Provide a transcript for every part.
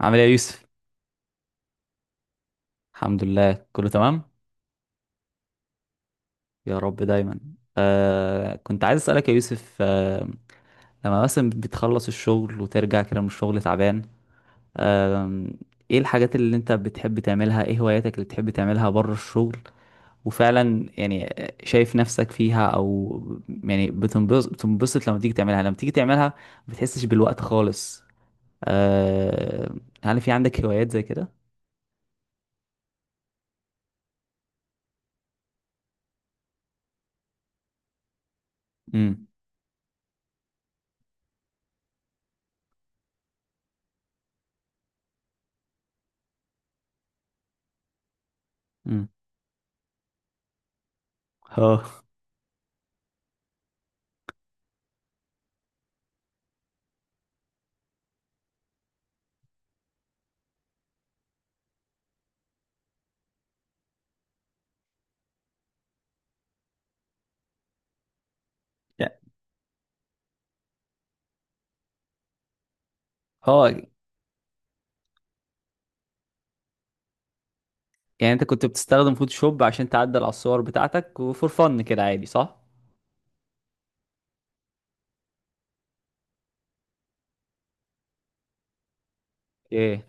عامل ايه يا يوسف؟ الحمد لله، كله تمام. يا رب دايما. كنت عايز اسالك يا يوسف لما مثلا بتخلص الشغل وترجع كده من الشغل تعبان آه ايه الحاجات اللي انت بتحب تعملها؟ ايه هواياتك اللي بتحب تعملها بره الشغل؟ وفعلا يعني شايف نفسك فيها؟ او يعني بتنبسط لما تيجي تعملها ما بتحسش بالوقت خالص؟ آه هل في عندك هوايات زي كده؟ امم. امم. اه. اه. يعني انت كنت بتستخدم فوتوشوب عشان تعدل على الصور بتاعتك وفور فن كده عادي، صح؟ ايه.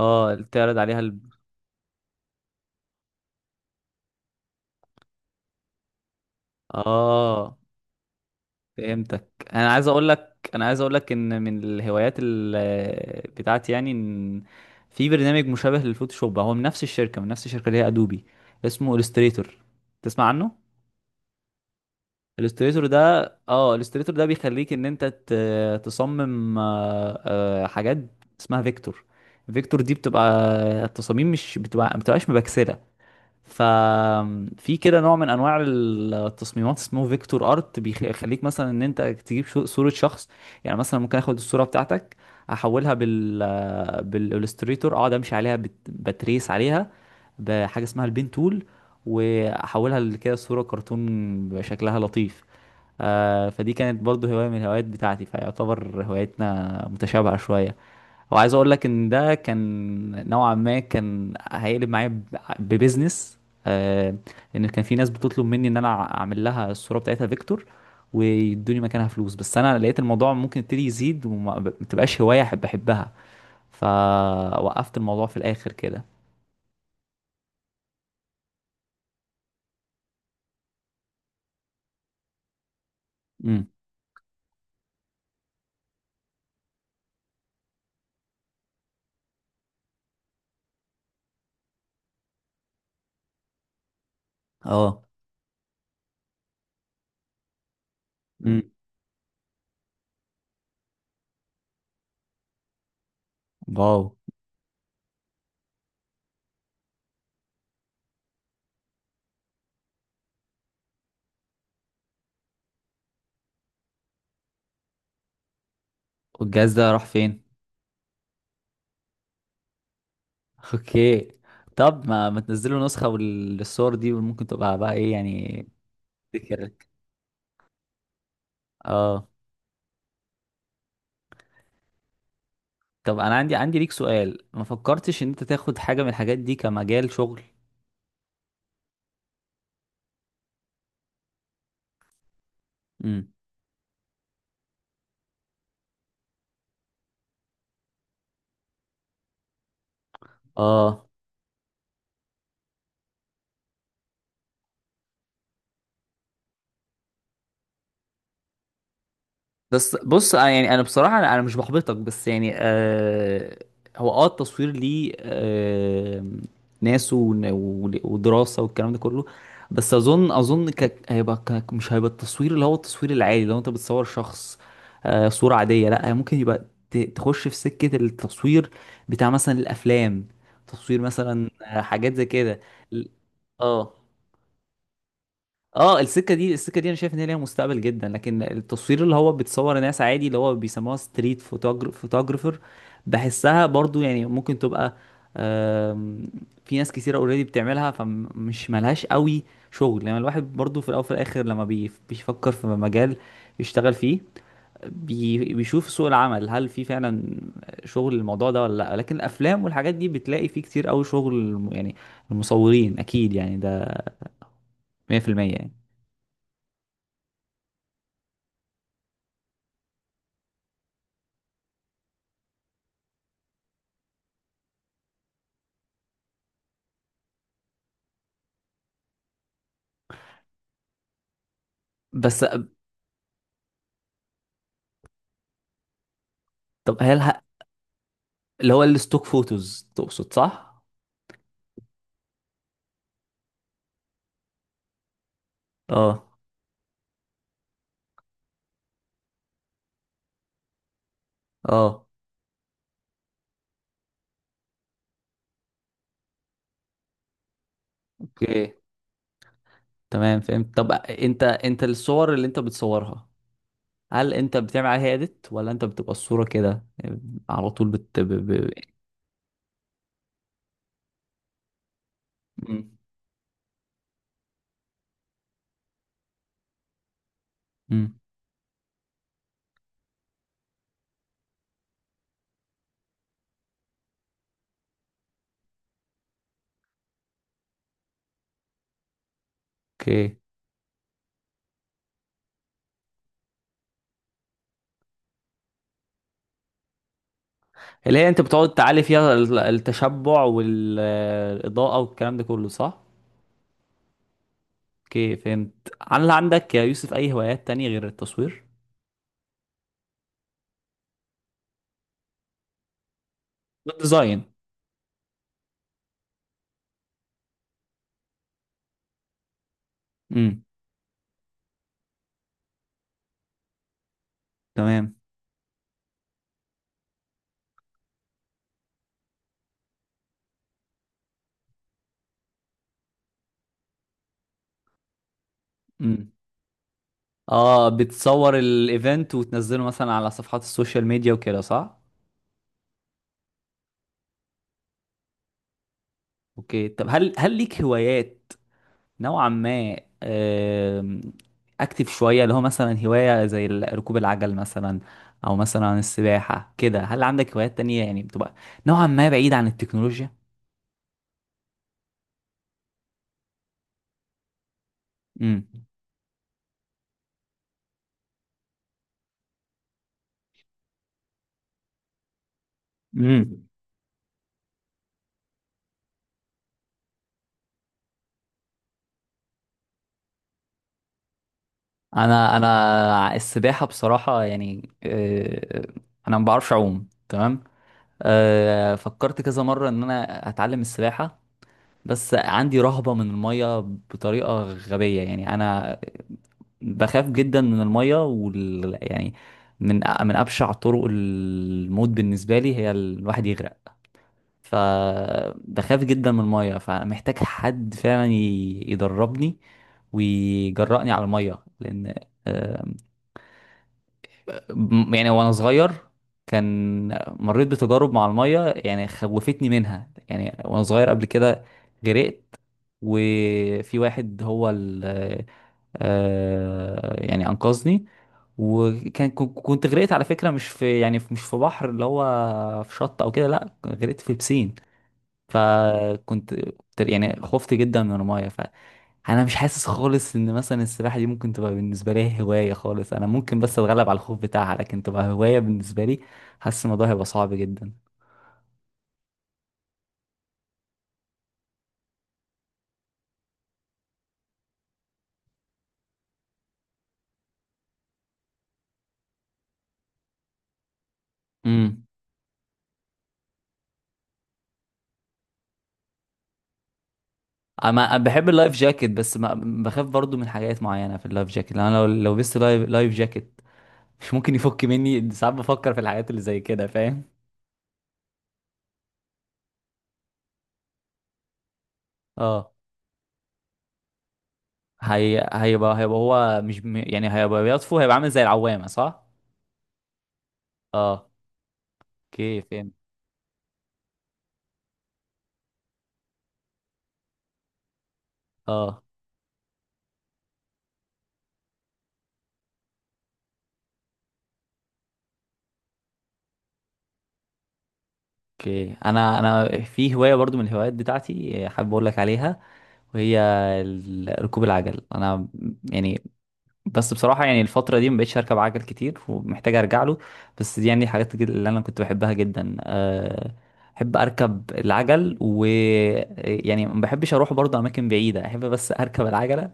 اه، تعرض عليها اه، فهمتك. انا عايز اقول لك ان من الهوايات بتاعتي، يعني ان في برنامج مشابه للفوتوشوب، هو من نفس الشركة اللي هي ادوبي، اسمه الستريتور. تسمع عنه الالستريتور ده؟ اه، الالستريتور ده بيخليك ان انت تصمم حاجات اسمها فيكتور. فيكتور دي بتبقى التصاميم مش بتبقى ما بتبقاش مبكسله. ففي كده نوع من انواع التصميمات اسمه فيكتور ارت، بيخليك مثلا ان انت تجيب صوره شخص. يعني مثلا ممكن اخد الصوره بتاعتك، احولها بالالستريتور، اقعد امشي عليها، بتريس عليها بحاجه اسمها البين تول، واحولها لكده صوره كرتون بشكلها لطيف. فدي كانت برضو هواية من الهوايات بتاعتي، فيعتبر هواياتنا متشابهة شوية. وعايز اقول لك ان ده كان نوعا ما كان هيقلب معايا ببزنس آه لان كان في ناس بتطلب مني ان انا اعمل لها الصورة بتاعتها فيكتور ويدوني مكانها فلوس. بس انا لقيت الموضوع ممكن يبتدي يزيد وما ما تبقاش هواية احبها، فوقفت الموضوع في الاخر كده. امم. اه. امم. واو. والجهاز ده راح فين؟ اوكي، طب ما تنزلوا نسخة للصور دي ممكن تبقى بقى ايه يعني؟ ذكرك. اه. طب انا عندي ليك سؤال: ما فكرتش ان انت تاخد حاجة من الحاجات دي كمجال شغل؟ امم. اه. بس بص، أنا يعني انا بصراحه، انا مش بحبطك، بس يعني هو اه، التصوير ليه ناس ودراسه والكلام ده كله. بس اظن مش هيبقى التصوير اللي هو التصوير العادي. لو انت بتصور شخص صوره عاديه، لا. ممكن يبقى تخش في سكه التصوير بتاع مثلا الافلام، تصوير مثلا حاجات زي كده. ال- اه، اه، السكه دي انا شايف ان هي ليها مستقبل جدا. لكن التصوير اللي هو بتصور ناس عادي اللي هو بيسموها ستريت فوتوجرافر، بحسها برضو يعني ممكن تبقى، آم، في ناس كثيره اوريدي بتعملها، فمش ملهاش قوي شغل. لما الواحد برضو في الاول وفي الاخر، لما بيفكر في مجال يشتغل فيه، بيشوف سوق العمل هل في فعلا شغل الموضوع ده ولا لا. لكن الافلام والحاجات دي بتلاقي فيه كتير قوي شغل، يعني المصورين اكيد، يعني ده 100%، يعني. بس طب هل اللي هو الستوك فوتوز تقصد، صح؟ اه. اه. اوكي، تمام، فهمت. طب انت الصور اللي انت بتصورها، هل انت بتعمل عليها اديت ولا انت بتبقى الصورة كده على طول؟ مم. مم. اوكي، اللي هي انت بتقعد تعالي فيها التشبع والاضاءة والكلام ده كله، صح؟ اوكي، فهمت. هل عندك يا يوسف اي هوايات تانية غير التصوير؟ والديزاين. امم. تمام. مم. اه، بتصور الايفنت وتنزله مثلا على صفحات السوشيال ميديا وكده، صح؟ اوكي، طب هل ليك هوايات نوعا ما اكتف شويه، اللي هو مثلا هوايه زي ركوب العجل مثلا، او مثلا السباحه كده، هل عندك هوايات تانية يعني بتبقى نوعا ما بعيد عن التكنولوجيا؟ امم. امم. انا السباحه بصراحه يعني انا ما بعرفش اعوم تمام. فكرت كذا مره ان انا اتعلم السباحه. بس عندي رهبة من المية بطريقة غبية، يعني أنا بخاف جدا من المية يعني من أبشع طرق الموت بالنسبة لي هي الواحد يغرق. فبخاف جدا من المية، فمحتاج حد فعلا يدربني ويجرأني على المية، لأن يعني وانا صغير كان مريت بتجارب مع المية يعني خوفتني منها، يعني وانا صغير قبل كده غرقت. وفي واحد هو ال يعني انقذني. كنت غرقت على فكرة، مش في، يعني مش في بحر اللي هو في شط او كده، لا، غرقت في بسين. فكنت يعني خفت جدا من المايه. فانا مش حاسس خالص ان مثلا السباحه دي ممكن تبقى بالنسبه لي هوايه خالص، انا ممكن بس اتغلب على الخوف بتاعها لكن تبقى هوايه بالنسبه لي، حاسس الموضوع هيبقى صعب جدا. امم. انا بحب اللايف جاكيت بس ما، بخاف برضو من حاجات معينه في اللايف جاكيت، لأن انا لو لبست لايف جاكيت مش ممكن يفك مني، ساعات بفكر في الحاجات اللي زي كده، فاهم؟ اه. هيبقى هو مش م- يعني هيبقى بيطفو، هيبقى عامل زي العوامه، صح؟ اه. اوكي، فهمت. اه. اوكي، انا في هوايه برضو من الهوايات بتاعتي، حابب اقول لك عليها، وهي ركوب العجل، انا يعني، بس بصراحه، يعني الفتره دي ما بقتش اركب عجل كتير ومحتاج ارجع له، بس دي يعني اللي انا كنت بحبها جدا، احب اركب العجل و يعني ما بحبش اروح برضو اماكن بعيده، احب بس اركب العجله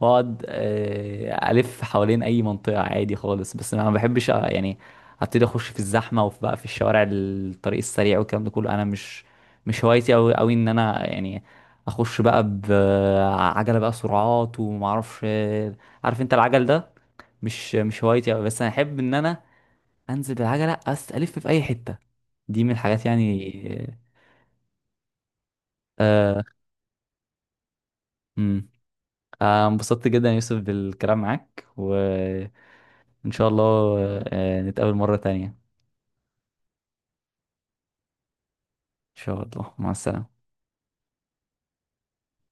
واقعد الف حوالين اي منطقه عادي خالص، بس انا ما بحبش يعني ابتدي اخش في الزحمه، وفي بقى في الشوارع الطريق السريع والكلام ده كله، انا مش هوايتي قوي قوي ان انا يعني اخش بقى بعجله بقى سرعات وما اعرفش عارف انت العجل ده مش هوايتي قوي، بس انا احب ان انا انزل بالعجله، الف في اي حته، دي من الحاجات يعني. آه، امم. انبسطت جدا يا يوسف بالكلام معاك، و إن شاء الله، نتقابل مرة تانية إن شاء الله. مع السلامة.